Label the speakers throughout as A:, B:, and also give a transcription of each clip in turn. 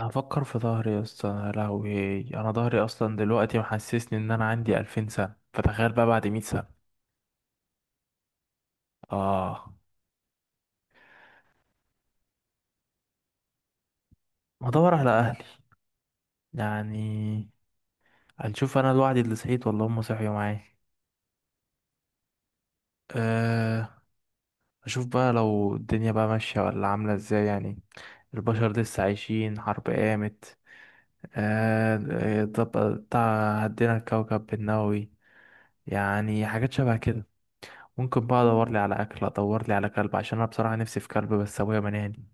A: هفكر في ظهري يا اسطى، يا لهوي. انا ظهري اصلا دلوقتي محسسني ان انا عندي 2000 سنه، فتخيل بقى بعد 100 سنه. اه، هدور على اهلي يعني، هنشوف انا لوحدي اللي صحيت ولا هم صحيوا معايا. أه، اشوف بقى لو الدنيا بقى ماشيه ولا عامله ازاي، يعني البشر لسه عايشين، حرب قامت؟ أه، بتاع هدينا الكوكب بالنووي، يعني حاجات شبه كده. ممكن بقى ادور لي على اكل، ادور لي على كلب، عشان انا بصراحه نفسي في كلب بس ابويا منعني.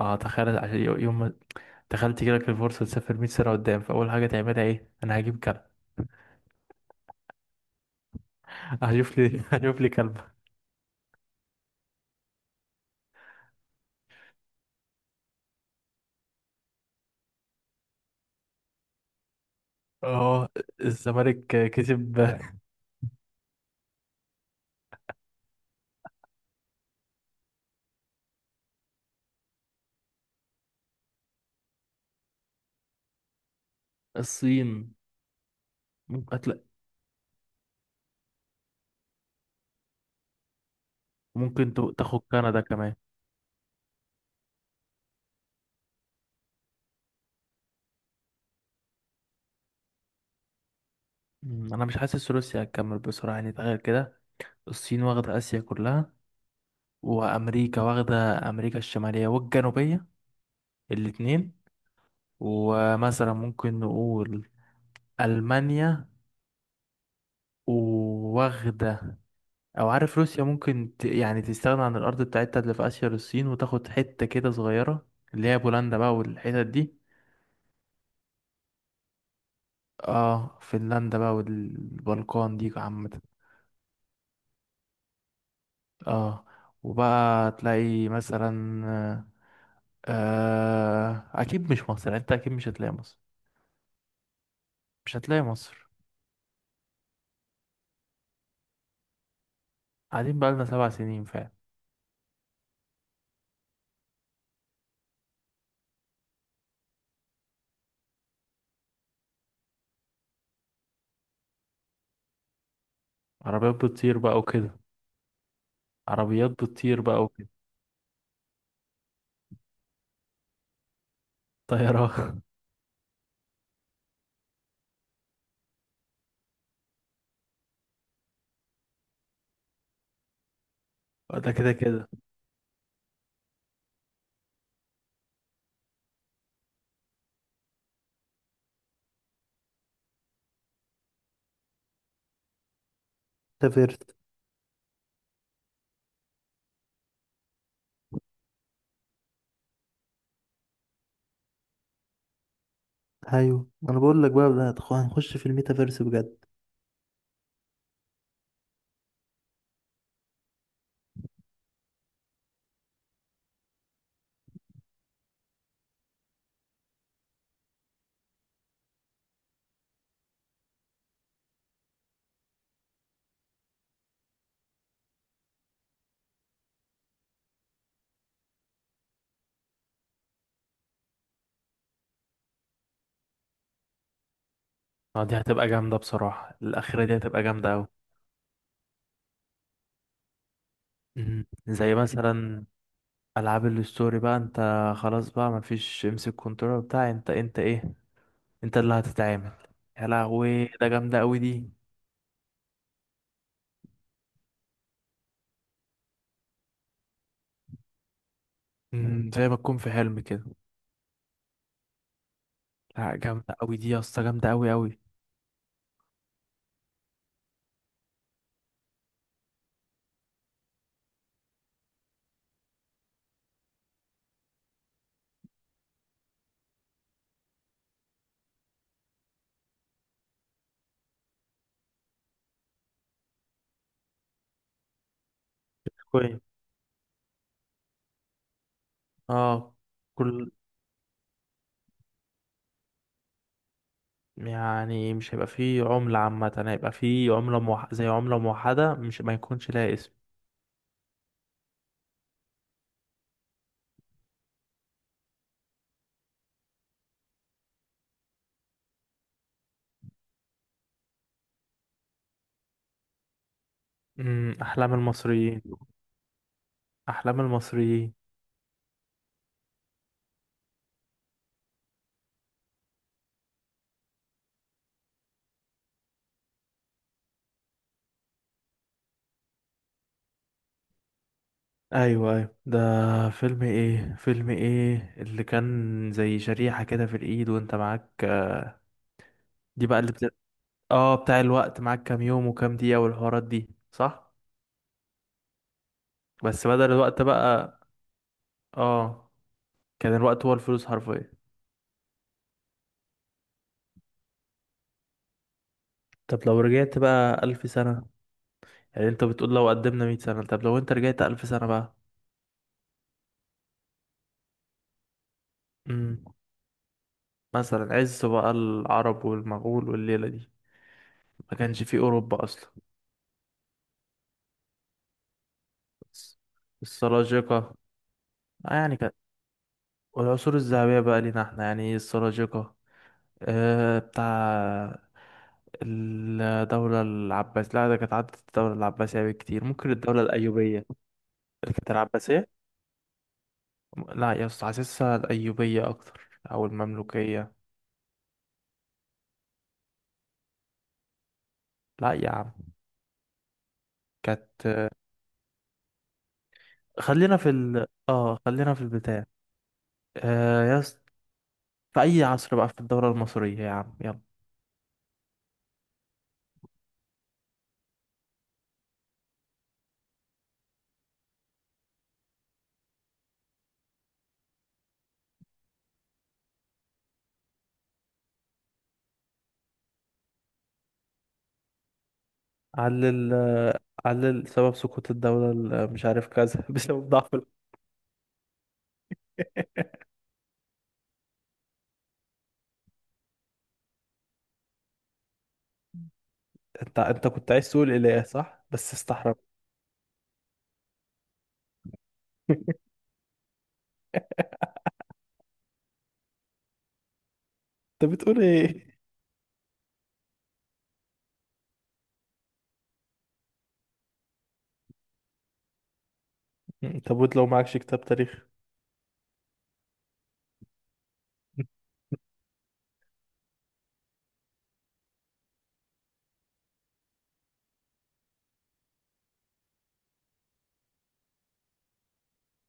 A: اه تخيل، عشان يوم ما. تخيل تجيلك الفرصة تسافر 100 سنة قدام، فأول حاجة تعملها ايه؟ أنا هجيب كلب. هجيب لي هجيب لي كلب. اه، الزمالك كسب. الصين. ممكن ممكن تاخد كندا كمان. أنا مش حاسس روسيا هتكمل بسرعة، يعني تخيل كده. الصين واخدة آسيا كلها، وأمريكا واخدة أمريكا الشمالية والجنوبية الاتنين. ومثلا ممكن نقول ألمانيا وواخدة، او عارف روسيا ممكن يعني تستغنى عن الارض بتاعتها اللي في اسيا للصين، وتاخد حتة كده صغيرة اللي هي بولندا بقى والحتت دي. اه، فنلندا بقى والبلقان دي عامة. اه، وبقى تلاقي مثلا آه، اكيد مش مصر، يعني انت اكيد مش هتلاقي مصر. مش هتلاقي مصر. قاعدين بقى لنا 7 سنين فعلا. عربيات بتطير بقى وكده. عربيات بتطير بقى وكده. طيران. ده كده كده. ميتافيرس. ايوه انا بقول لك بقى، ده هنخش في الميتافيرس بجد. اه، دي هتبقى جامدة بصراحة، الأخيرة دي هتبقى جامدة أوي. زي مثلا ألعاب الستوري بقى، انت خلاص بقى مفيش امسك كنترول بتاع. انت انت ايه، انت اللي هتتعامل. يا لهوي، ده جامدة أوي دي. زي ما تكون في حلم كده. لا، جامدة أوي دي يا اسطى، جامدة أوي أوي. كوين. اه، كل، يعني مش هيبقى فيه عملة عامة، هيبقى فيه عملة زي عملة موحدة، مش ما يكونش لها اسم. أحلام المصريين. أحلام المصريين. ايوه ايوه، ده فيلم ايه، فيلم ايه اللي كان زي شريحة كده في الايد وانت معاك. دي بقى اللي بت... اه بتاع الوقت. معاك كام يوم وكام دقيقة والحوارات دي، صح؟ بس بدل الوقت بقى. اه، كان الوقت هو الفلوس حرفيا. طب لو رجعت بقى 1000 سنة، يعني انت بتقول لو قدمنا 100 سنة، طب لو انت رجعت 1000 سنة بقى. امم، مثلا عز بقى العرب والمغول والليلة دي، ما كانش فيه أوروبا أصلا. السلاجقة. آه يعني كان، والعصور الذهبية بقى لينا احنا يعني السلاجقة. آه، بتاع الدولة العباسية. لا، ده كانت عدت الدولة العباسية بكتير، ممكن الدولة الأيوبية. اللي كانت العباسية. لا يا اسطى، حاسسها الأيوبية أكتر أو المملوكية. لا يا عم كانت. خلينا في البتاع آه يا اسطى، في أي عصر بقى في الدولة المصرية، يا عم يلا. علل، علل سبب سقوط الدولة مش عارف كذا بسبب ضعف. انت كنت عايز تقول اله، صح، بس استحرم. انت بتقول ايه؟ طب وانت لو معكش كتاب تاريخ؟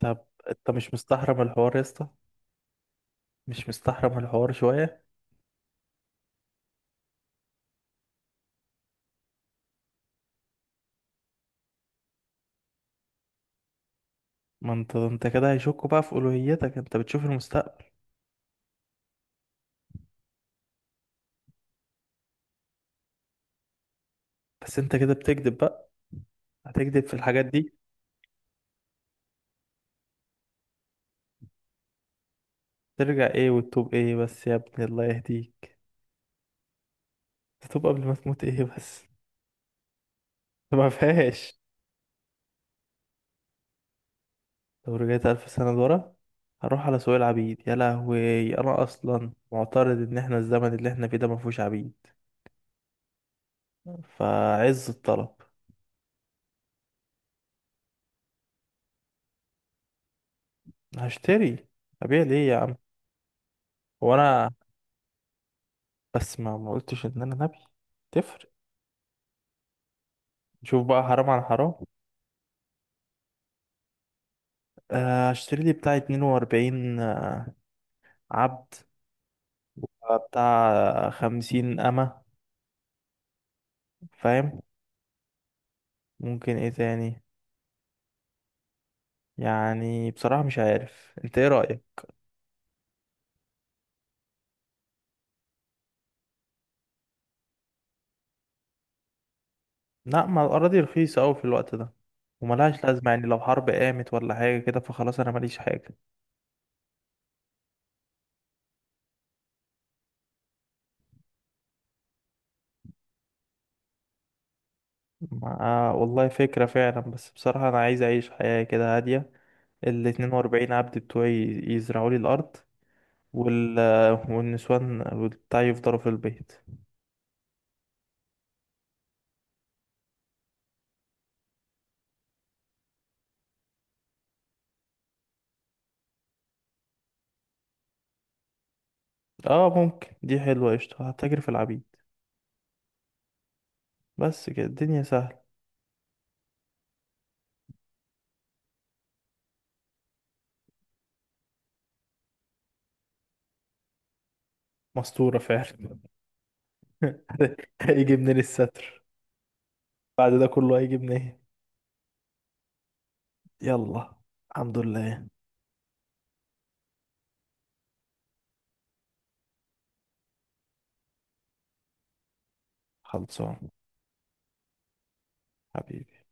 A: طب انت مش مستحرم الحوار يا اسطى؟ مش مستحرم الحوار شويه؟ ما انت كده هيشكوا بقى في الوهيتك، انت بتشوف المستقبل. بس انت كده بتكذب بقى، هتكذب في الحاجات دي. ترجع ايه وتتوب ايه بس يا ابني، الله يهديك. تتوب قبل ما تموت ايه بس؟ ما فيهاش. لو رجعت 1000 سنة لورا، هروح على سوق العبيد. يا لهوي، أنا أصلا معترض إن إحنا الزمن اللي إحنا فيه ده مفهوش عبيد، فعز الطلب. هشتري. ابيع ليه يا عم؟ هو انا، بس ما قلتش ان انا نبي، تفرق. شوف بقى حرام عن حرام. هشتري لي بتاع 42 عبد، بتاع 50 أمة، فاهم. ممكن ايه تاني، يعني بصراحة مش عارف انت ايه رأيك. لا، ما الأراضي رخيصة أوي في الوقت ده، وملهاش لازمة، يعني لو حرب قامت ولا حاجة كده فخلاص، أنا ماليش حاجة. آه والله فكرة فعلا، بس بصراحة أنا عايز أعيش حياة كده هادية. 42 عبد بتوعي يزرعوا لي الأرض، وال... والنسوان بتاعي يفضلوا في البيت. اه ممكن، دي حلوة قشطة، هتجري في العبيد. بس كده الدنيا سهلة. مستورة فعلا. هيجي منين الستر، بعد ده كله هيجي منين. يلا. الحمد لله. خلصان. حبيبي.